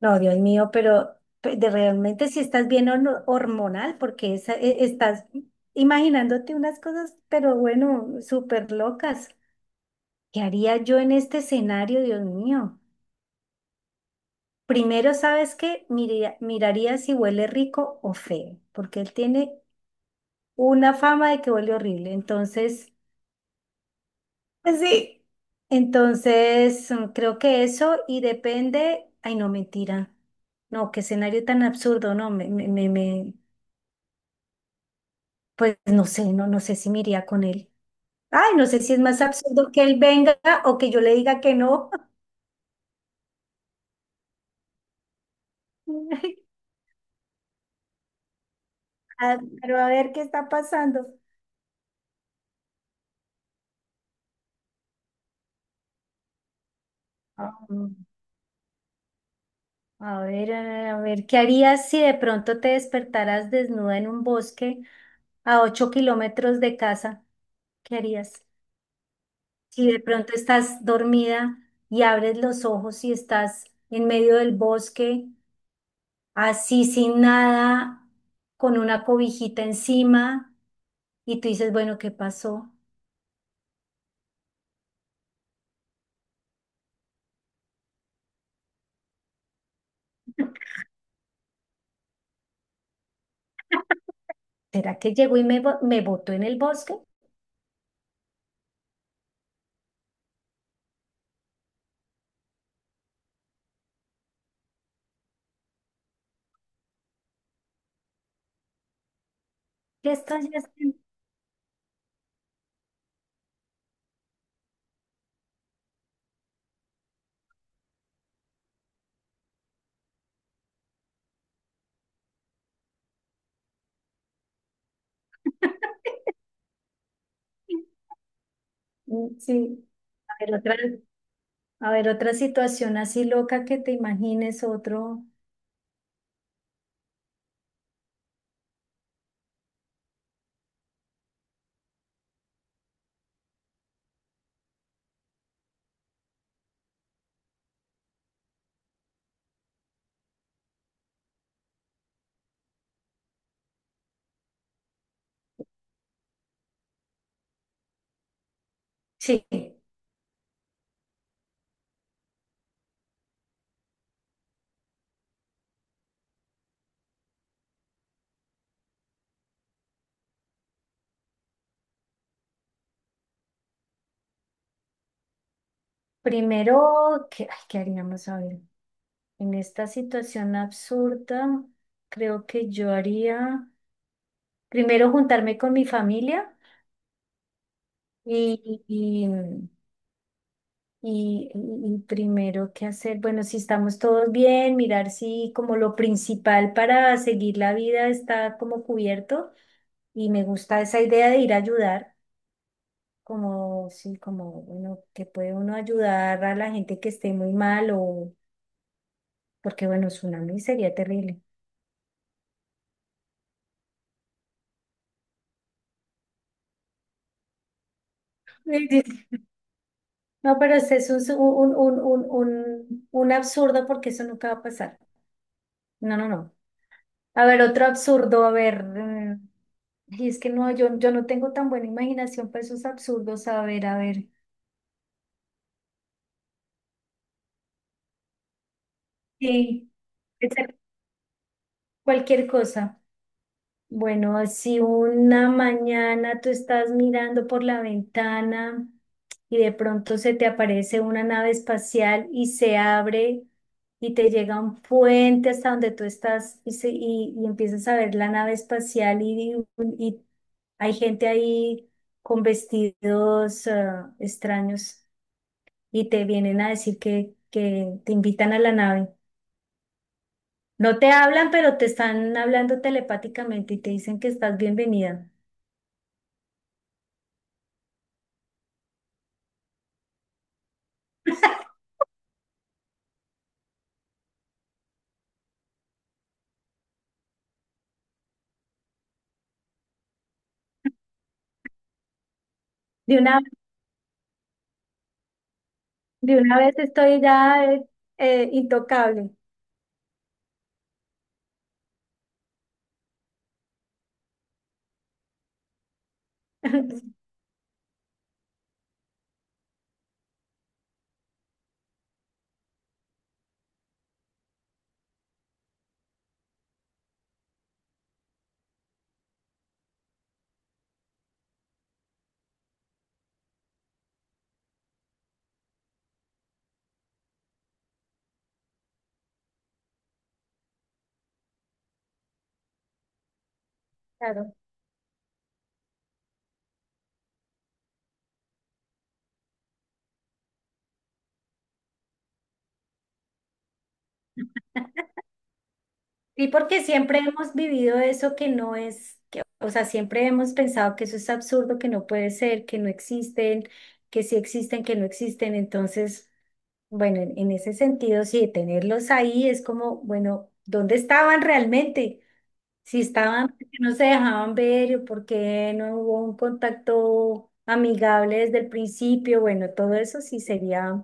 No, Dios mío, pero pe- de realmente si estás bien hormonal, porque estás imaginándote unas cosas, pero bueno, súper locas. ¿Qué haría yo en este escenario, Dios mío? Primero, ¿sabes qué? Miraría si huele rico o feo, porque él tiene una fama de que huele horrible. Entonces, pues sí, entonces creo que eso y depende, ay, no, mentira. No, qué escenario tan absurdo, no, pues no sé, no, no sé si me iría con él. Ay, no sé si es más absurdo que él venga o que yo le diga que no. Ah, pero a ver qué está pasando. Ah, mm, a ver, ¿qué harías si de pronto te despertaras desnuda en un bosque a 8 kilómetros de casa? ¿Qué harías? Si de pronto estás dormida y abres los ojos y estás en medio del bosque, así sin nada, con una cobijita encima. Y tú dices, bueno, ¿qué pasó? ¿Será que llegó y me botó en el bosque? ¿Qué estás haciendo? Mm, sí, a ver otra, a ver otra situación así loca que te imagines otro. Sí, primero, ¿qué, ay, qué haríamos a ver? En esta situación absurda, creo que yo haría primero juntarme con mi familia y, y- y, y primero, ¿qué hacer? Bueno, si estamos todos bien, mirar si como lo principal para seguir la vida está como cubierto. Y me gusta esa idea de ir a ayudar, como, sí, como, bueno, que puede uno ayudar a la gente que esté muy mal o, porque bueno, tsunami sería terrible. No, pero ese es un absurdo porque eso nunca va a pasar. No, no, no. A ver, otro absurdo, a ver. Y es que no, yo no tengo tan buena imaginación para esos absurdos. A ver, a ver. Sí, puede ser cualquier cosa. Bueno, si una mañana tú estás mirando por la ventana y de pronto se te aparece una nave espacial y se abre y te llega un puente hasta donde tú estás y empiezas a ver la nave espacial y hay gente ahí con vestidos extraños. Y te vienen a decir que te invitan a la nave. No te hablan, pero te están hablando telepáticamente y te dicen que estás bienvenida. De una, de una vez estoy ya intocable. Claro. Sí, porque siempre hemos vivido eso que no es, que, o sea, siempre hemos pensado que eso es absurdo, que no puede ser, que no existen, que sí existen, que no existen. Entonces, bueno, en ese sentido, sí, tenerlos ahí es como, bueno, ¿dónde estaban realmente? Si estaban, porque no se dejaban ver, o porque no hubo un contacto amigable desde el principio, bueno, todo eso sí sería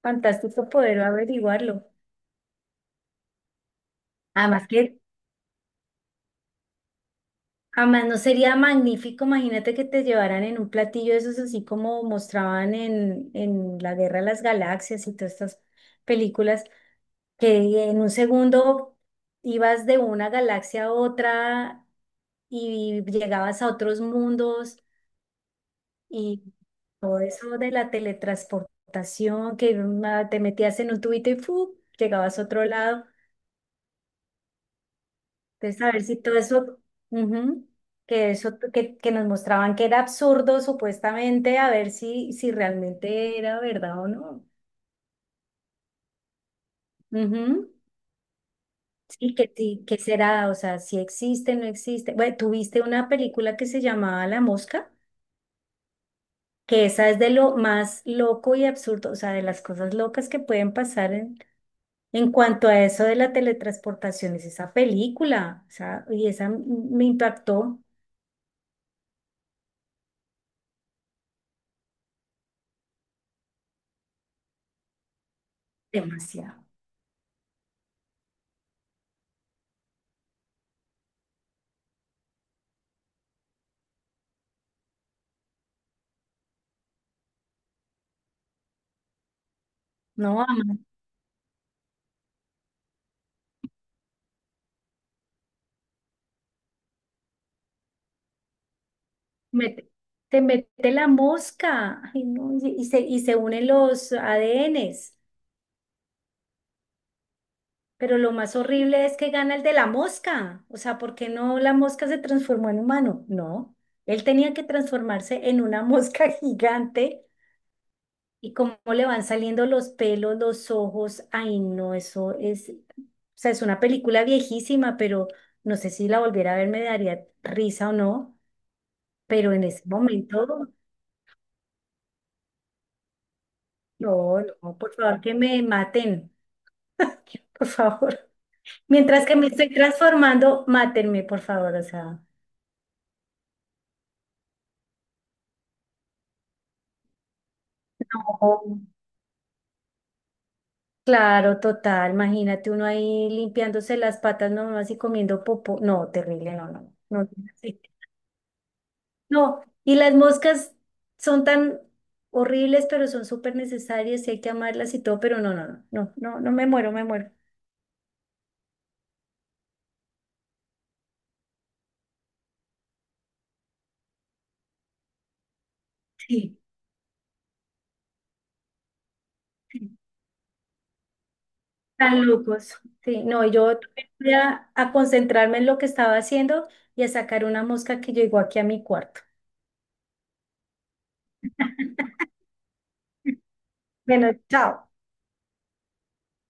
fantástico poder averiguarlo. Además que, además no sería magnífico, imagínate que te llevaran en un platillo de esos así como mostraban en La Guerra de las Galaxias y todas estas películas, que en un segundo ibas de una galaxia a otra y llegabas a otros mundos. Y todo eso de la teletransportación, que te metías en un tubito y ¡fu! Llegabas a otro lado. Entonces, a ver si todo eso, ujú, que eso que nos mostraban que era absurdo supuestamente, a ver si, si realmente era verdad o no. Ujú. Sí, que será, o sea, si existe, no existe. Bueno, tuviste una película que se llamaba La Mosca, que esa es de lo más loco y absurdo, o sea, de las cosas locas que pueden pasar. En cuanto a eso de la teletransportación, es esa película, o sea, me impactó demasiado, ¿no? Mete- Te mete la mosca, ay, no, y, y se unen los ADNs, pero lo más horrible es que gana el de la mosca, o sea, ¿por qué no la mosca se transformó en humano? No, él tenía que transformarse en una mosca gigante. Y cómo le van saliendo los pelos, los ojos. Ay, no, eso es, o sea, es una película viejísima, pero no sé si la volviera a ver me daría risa o no. Pero en ese momento, no, no, por favor, que me maten, por favor. Mientras que me estoy transformando, mátenme, por favor, o sea. Ojo. Claro, total, imagínate uno ahí limpiándose las patas nomás y comiendo popó. No, terrible, no, no, no. No, y las moscas son tan horribles, pero son súper necesarias y hay que amarlas y todo, pero no, no, no, no, no, no me muero, me muero. Sí, sí, tan locos. Sí, no, y yo también voy a concentrarme en lo que estaba haciendo y a sacar una mosca que llegó aquí a mi cuarto. Bueno, chao.